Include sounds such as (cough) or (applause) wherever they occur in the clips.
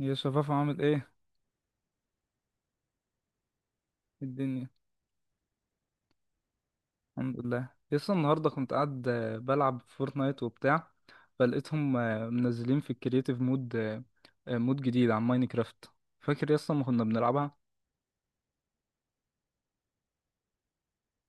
يا شفاف، عامل ايه؟ إيه الدنيا؟ الحمد لله، لسه النهارده كنت قاعد بلعب فورتنايت وبتاع. فلقيتهم منزلين في الكرييتيف مود، مود جديد عن ماينكرافت. فاكر لسه ما كنا بنلعبها؟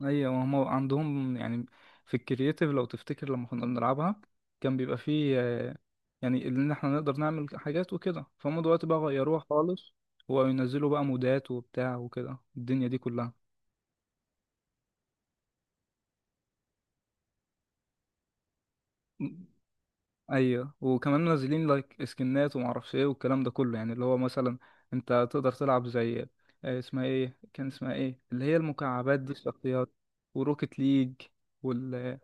ايوه، وهم عندهم يعني في الكرييتيف، لو تفتكر لما كنا بنلعبها كان بيبقى فيه يعني ان احنا نقدر نعمل حاجات وكده. فهم دلوقتي بقى غيروها خالص، وينزلوا بقى مودات وبتاع وكده الدنيا دي كلها. ايوه، وكمان منزلين لايك سكنات وما اعرفش ايه والكلام ده كله، يعني اللي هو مثلا انت تقدر تلعب زي، اسمها ايه، كان اسمها ايه اللي هي المكعبات دي الشخصيات، وروكيت ليج وال...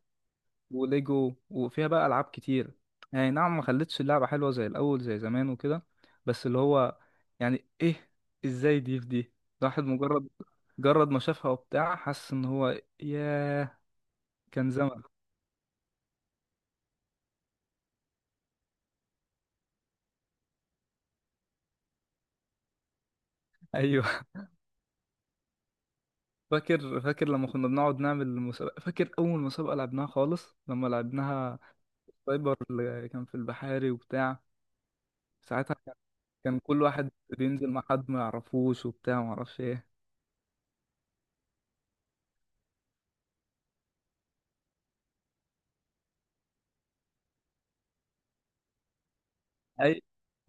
وليجو، وفيها بقى العاب كتير. يعني نعم، ما خلتش اللعبه حلوه زي الاول زي زمان وكده. بس اللي هو يعني ايه، ازاي دي في دي. الواحد مجرد ما شافها وبتاع، حس ان هو ياه، كان زمن. (laughs) ايوه. فاكر لما كنا بنقعد نعمل مسابقة. فاكر أول مسابقة لعبناها خالص لما لعبناها، سايبر اللي كان في البحاري وبتاع. ساعتها كان، كل واحد بينزل مع حد ما يعرفوش وبتاع ما اعرفش ايه. أي،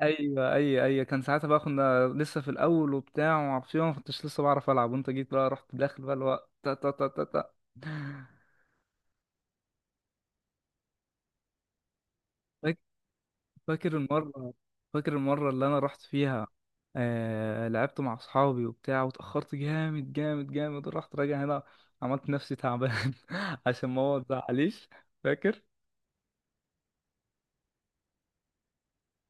أيوة أيوة أيوة، كان ساعتها بقى كنا لسه في الأول وبتاع وما اعرفش ايه، ما كنتش لسه بعرف ألعب، وأنت جيت بقى رحت داخل بقى الوقت، تا تا تا تا تا فاكر المرة، اللي أنا رحت فيها، لعبت مع أصحابي وبتاع، وتأخرت جامد جامد جامد، ورحت راجع هنا، عملت نفسي تعبان (laughs) عشان ماما متزعليش. فاكر؟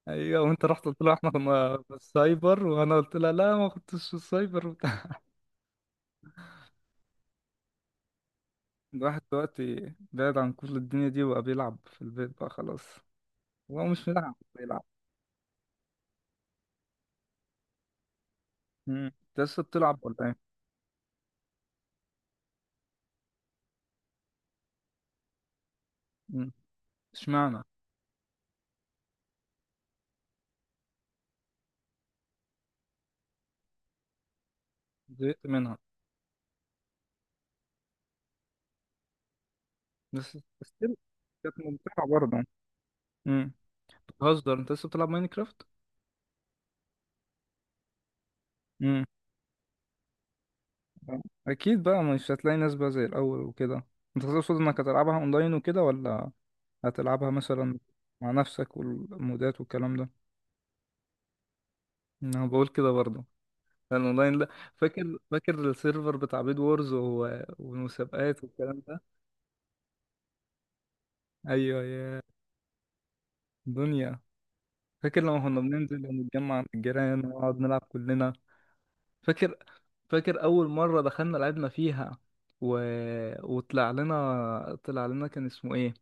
أيوة، وأنت رحت قلت لها إحنا كنا في السايبر، وأنا قلت لها لا ما كنتش في السايبر وبتاع. (laughs) الواحد دلوقتي بعيد عن كل الدنيا دي، وبقى بيلعب في البيت بقى خلاص. هو مش بيلعب. مم. أنت لسه بتلعب ولا إيه؟ مم. اشمعنى؟ زهقت منها. بس كانت ممتعة برضه. مم. بتهزر؟ انت لسه بتلعب ماينكرافت؟ امم. اكيد بقى مش هتلاقي ناس بقى زي الاول وكده. انت تقصد انك هتلعبها اونلاين وكده، ولا هتلعبها مثلا مع نفسك والمودات والكلام ده؟ انا بقول كده برضه، لان اونلاين لا. فاكر السيرفر بتاع بيد وورز والمسابقات والكلام ده. ايوه يا دنيا. فاكر لما كنا بننزل ونتجمع عند الجيران ونقعد نلعب كلنا؟ فاكر؟ اول مره دخلنا لعبنا فيها، و... وطلع لنا، طلع لنا كان اسمه ايه،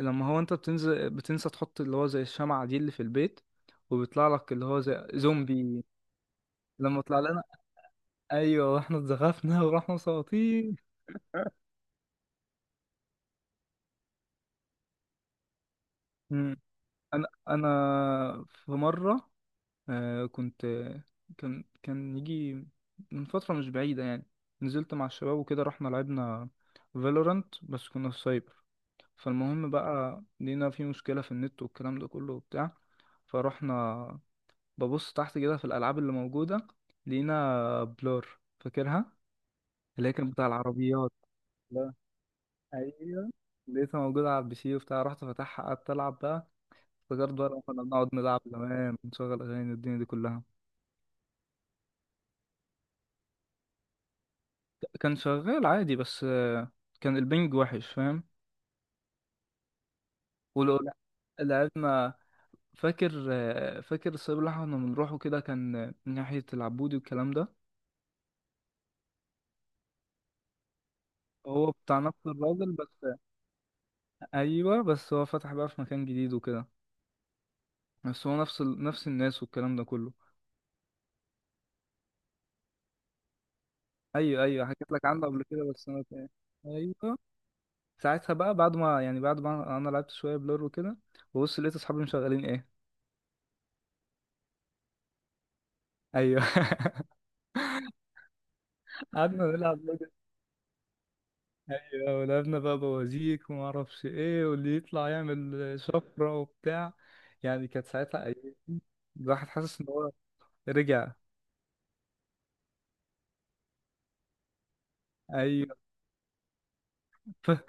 لما هو انت بتنزل بتنسى تحط اللي هو زي الشمعة دي اللي في البيت، وبيطلع لك اللي هو زي زومبي. لما طلع لنا، ايوه، واحنا اتزغفنا ورحنا مساطين. مم. انا في مرة كنت، كان يجي من فترة مش بعيدة يعني، نزلت مع الشباب وكده، رحنا لعبنا فالورانت، بس كنا في سايبر. فالمهم بقى لقينا في مشكلة في النت والكلام ده كله وبتاع، فرحنا ببص تحت كده في الألعاب اللي موجودة، لقينا بلور، فاكرها؟ اللي هي كانت بتاع العربيات. لا، أيوه. لقيتها موجودة على البي سي وبتاع، رحت فتحها قعدت ألعب بقى. افتكرت بقى لما كنا بنقعد نلعب زمان ونشغل أغاني والدنيا دي كلها. كان شغال عادي، بس كان البنج وحش، فاهم؟ ولو لعبنا. فاكر فاكر السايب اللي احنا كنا بنروحه كده، كان ناحية العبودي والكلام ده. هو بتاع نفس الراجل، بس ايوه بس هو فتح بقى في مكان جديد وكده. بس هو نفس نفس الناس والكلام ده كله. ايوه ايوه، حكيت لك عنه قبل كده، بس انا فاهم. ايوه، ساعتها بقى بعد ما يعني، بعد ما انا لعبت شويه بلور وكده، ببص لقيت اصحابي مشغلين ايه. ايوه. (laughs) قعدنا نلعب لول. ايوه، ولعبنا بقى بوازيك وما اعرفش ايه، واللي يطلع يعمل شفره وبتاع. يعني كانت ساعتها ايام، الواحد حاسس ان هو رجع. ايوه. ف-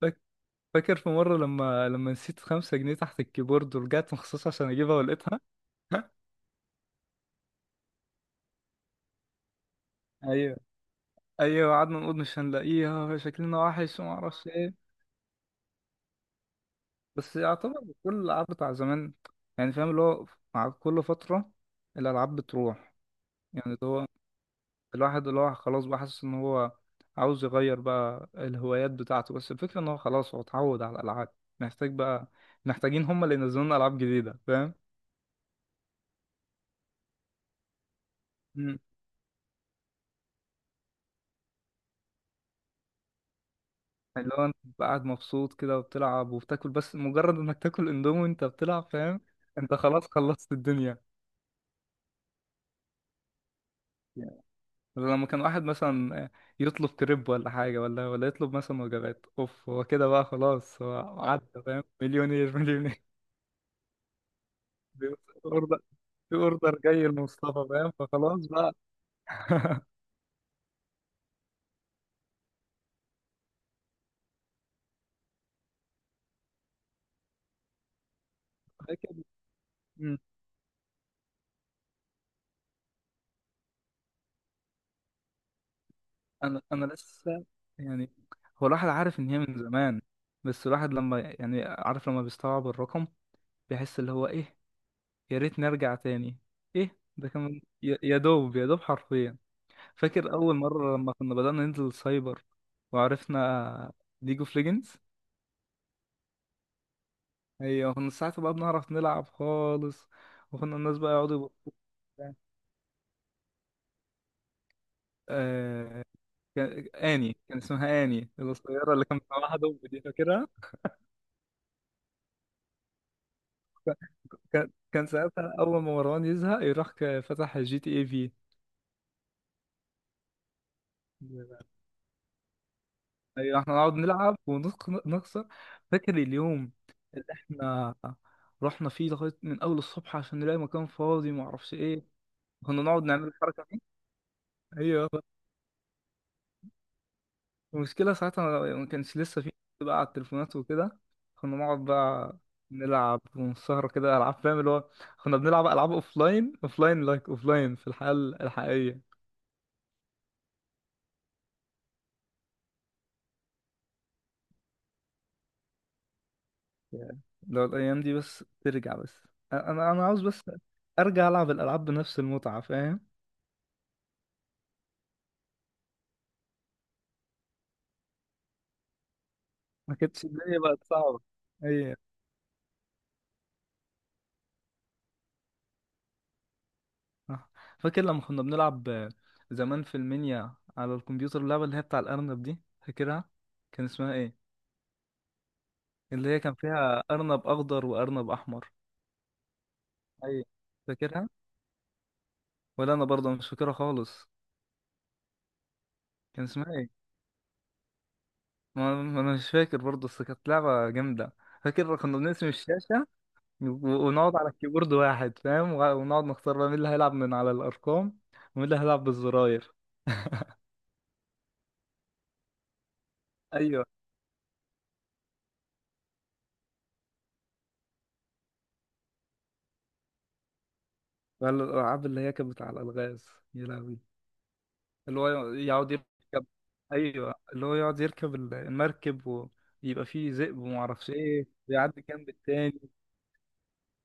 فاك- فاكر في مره، لما نسيت 5 جنيه تحت الكيبورد، ورجعت مخصوص عشان اجيبها ولقيتها. (laughs) ايوه ايوه، قعدنا نقول مش هنلاقيها، شكلنا وحش وما اعرفش ايه. بس يعتبر كل الالعاب بتاع زمان، يعني فاهم اللي هو، مع كل فتره الالعاب بتروح. يعني اللي هو الواحد اللي هو خلاص بقى حاسس ان هو عاوز يغير بقى الهوايات بتاعته، بس الفكره ان هو خلاص هو اتعود على الالعاب. محتاج بقى، محتاجين هم اللي ينزلوا لنا العاب جديده، فاهم؟ مم. اللي هو انت بتبقى قاعد مبسوط كده وبتلعب وبتاكل، بس مجرد انك تاكل اندومي وانت بتلعب فاهم. انت خلاص خلصت الدنيا. لما كان واحد مثلا يطلب كريب ولا حاجة ولا يطلب مثلا وجبات اوف، هو كده بقى خلاص هو عدى فاهم، مليونير مليونير. (laughs) بيبص في اوردر، جاي لمصطفى فاهم، فخلاص بقى. (laughs) فاكر. مم. انا لسه يعني، هو الواحد عارف ان هي من زمان، بس الواحد لما يعني عارف، لما بيستوعب الرقم بيحس اللي هو ايه. يا ريت نرجع تاني. ايه ده، كان يا دوب حرفيا. فاكر اول مره لما كنا بدانا ننزل سايبر وعرفنا ليج اوف ليجندز. ايوه، كنا ساعتها بقى بنعرف نلعب خالص، وكنا الناس بقى يقعدوا يبصوا لنا. آه... كان، كان اسمها اني القصيره اللي كانت معاها دب دي، فاكرها؟ كان ساعتها اول ما مروان يزهق يروح، فتح جي تي اي في. ايوه، احنا نقعد نلعب ونخسر. فاكر اليوم اللي احنا رحنا فيه لغايه من اول الصبح عشان نلاقي مكان فاضي ما اعرفش ايه. كنا نقعد نعمل الحركة دي. ايوه والله. المشكلة ساعتها ما كانش لسه في بقى على التليفونات وكده. كنا نقعد بقى نلعب ونسهر كده ألعاب فاهم اللي هو، كنا بنلعب ألعاب أوفلاين، أوفلاين لايك أوفلاين في الحياة الحقيقية. يعني لو الأيام دي بس ترجع بس، أنا أنا عاوز بس أرجع ألعب الألعاب بنفس المتعة فاهم. ما كانتش الدنيا بقت صعبة. أيوة. صح. فاكر لما كنا بنلعب زمان في المنيا على الكمبيوتر اللعبة اللي هي بتاع الأرنب دي؟ فاكرها؟ كان اسمها إيه؟ اللي هي كان فيها أرنب أخضر وأرنب أحمر. ايوه. فاكرها؟ ولا أنا برضه مش فاكرها خالص. كان اسمها إيه؟ ما أنا مش فاكر برضه، بس كانت لعبة جامدة. فاكر كنا بنقسم الشاشة، ونقعد على الكيبورد واحد فاهم، ونقعد نختار بقى مين اللي هيلعب من على الأرقام، ومين اللي هيلعب بالزراير. ايوه. ولا الألعاب اللي هي كانت بتاع الألغاز، يا لهوي. اللي هو يقعد يركب، أيوه اللي هو يقعد يركب المركب، ويبقى فيه ذئب ومعرفش إيه ويعدي جنب التاني.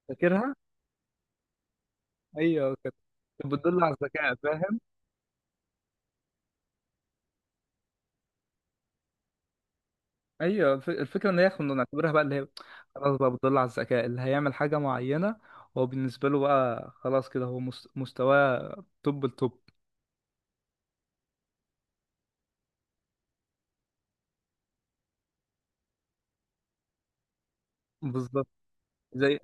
فاكرها؟ ايوه كانت، كانت بتدل على الذكاء فاهم. ايوه، الفكره ان هي كنا نعتبرها بقى اللي هي، خلاص بقى بتدل على الذكاء. اللي هيعمل حاجه معينه، هو بالنسبه له بقى خلاص كده، هو مستواه توب التوب. بالظبط. زي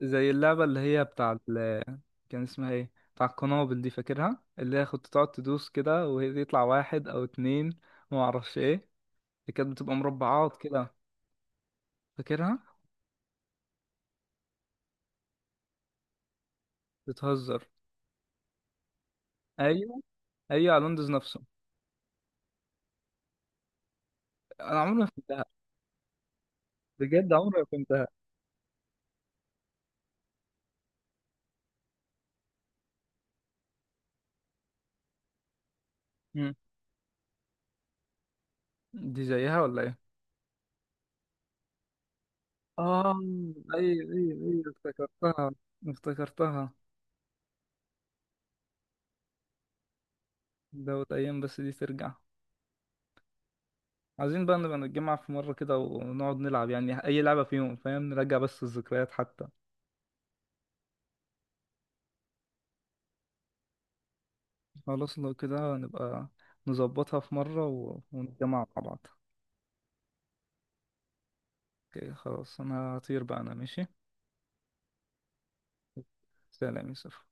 زي اللعبه اللي هي بتاع كان اسمها ايه بتاع القنابل دي؟ فاكرها؟ اللي هي كنت تقعد تدوس كده، وهي يطلع واحد او اتنين وما اعرفش ايه اللي، كانت بتبقى مربعات كده. فاكرها؟ بتهزر. ايوه ايوه، على ويندوز نفسه. انا عمري ما فهمتها. بجد عمري ما فهمتها. مم. دي زيها ولا ايه؟ اه ايوه ايوه ايوه، افتكرتها، افتكرتها. دوت ايام بس دي ترجع. عايزين بقى نبقى نتجمع في مرة كده ونقعد نلعب يعني اي لعبة فيهم فاهم، نرجع بس الذكريات حتى. خلاص لو كده نبقى نظبطها في مرة ونتجمع مع بعض. اوكي خلاص، انا هطير بقى، انا ماشي. سلام يا يوسف.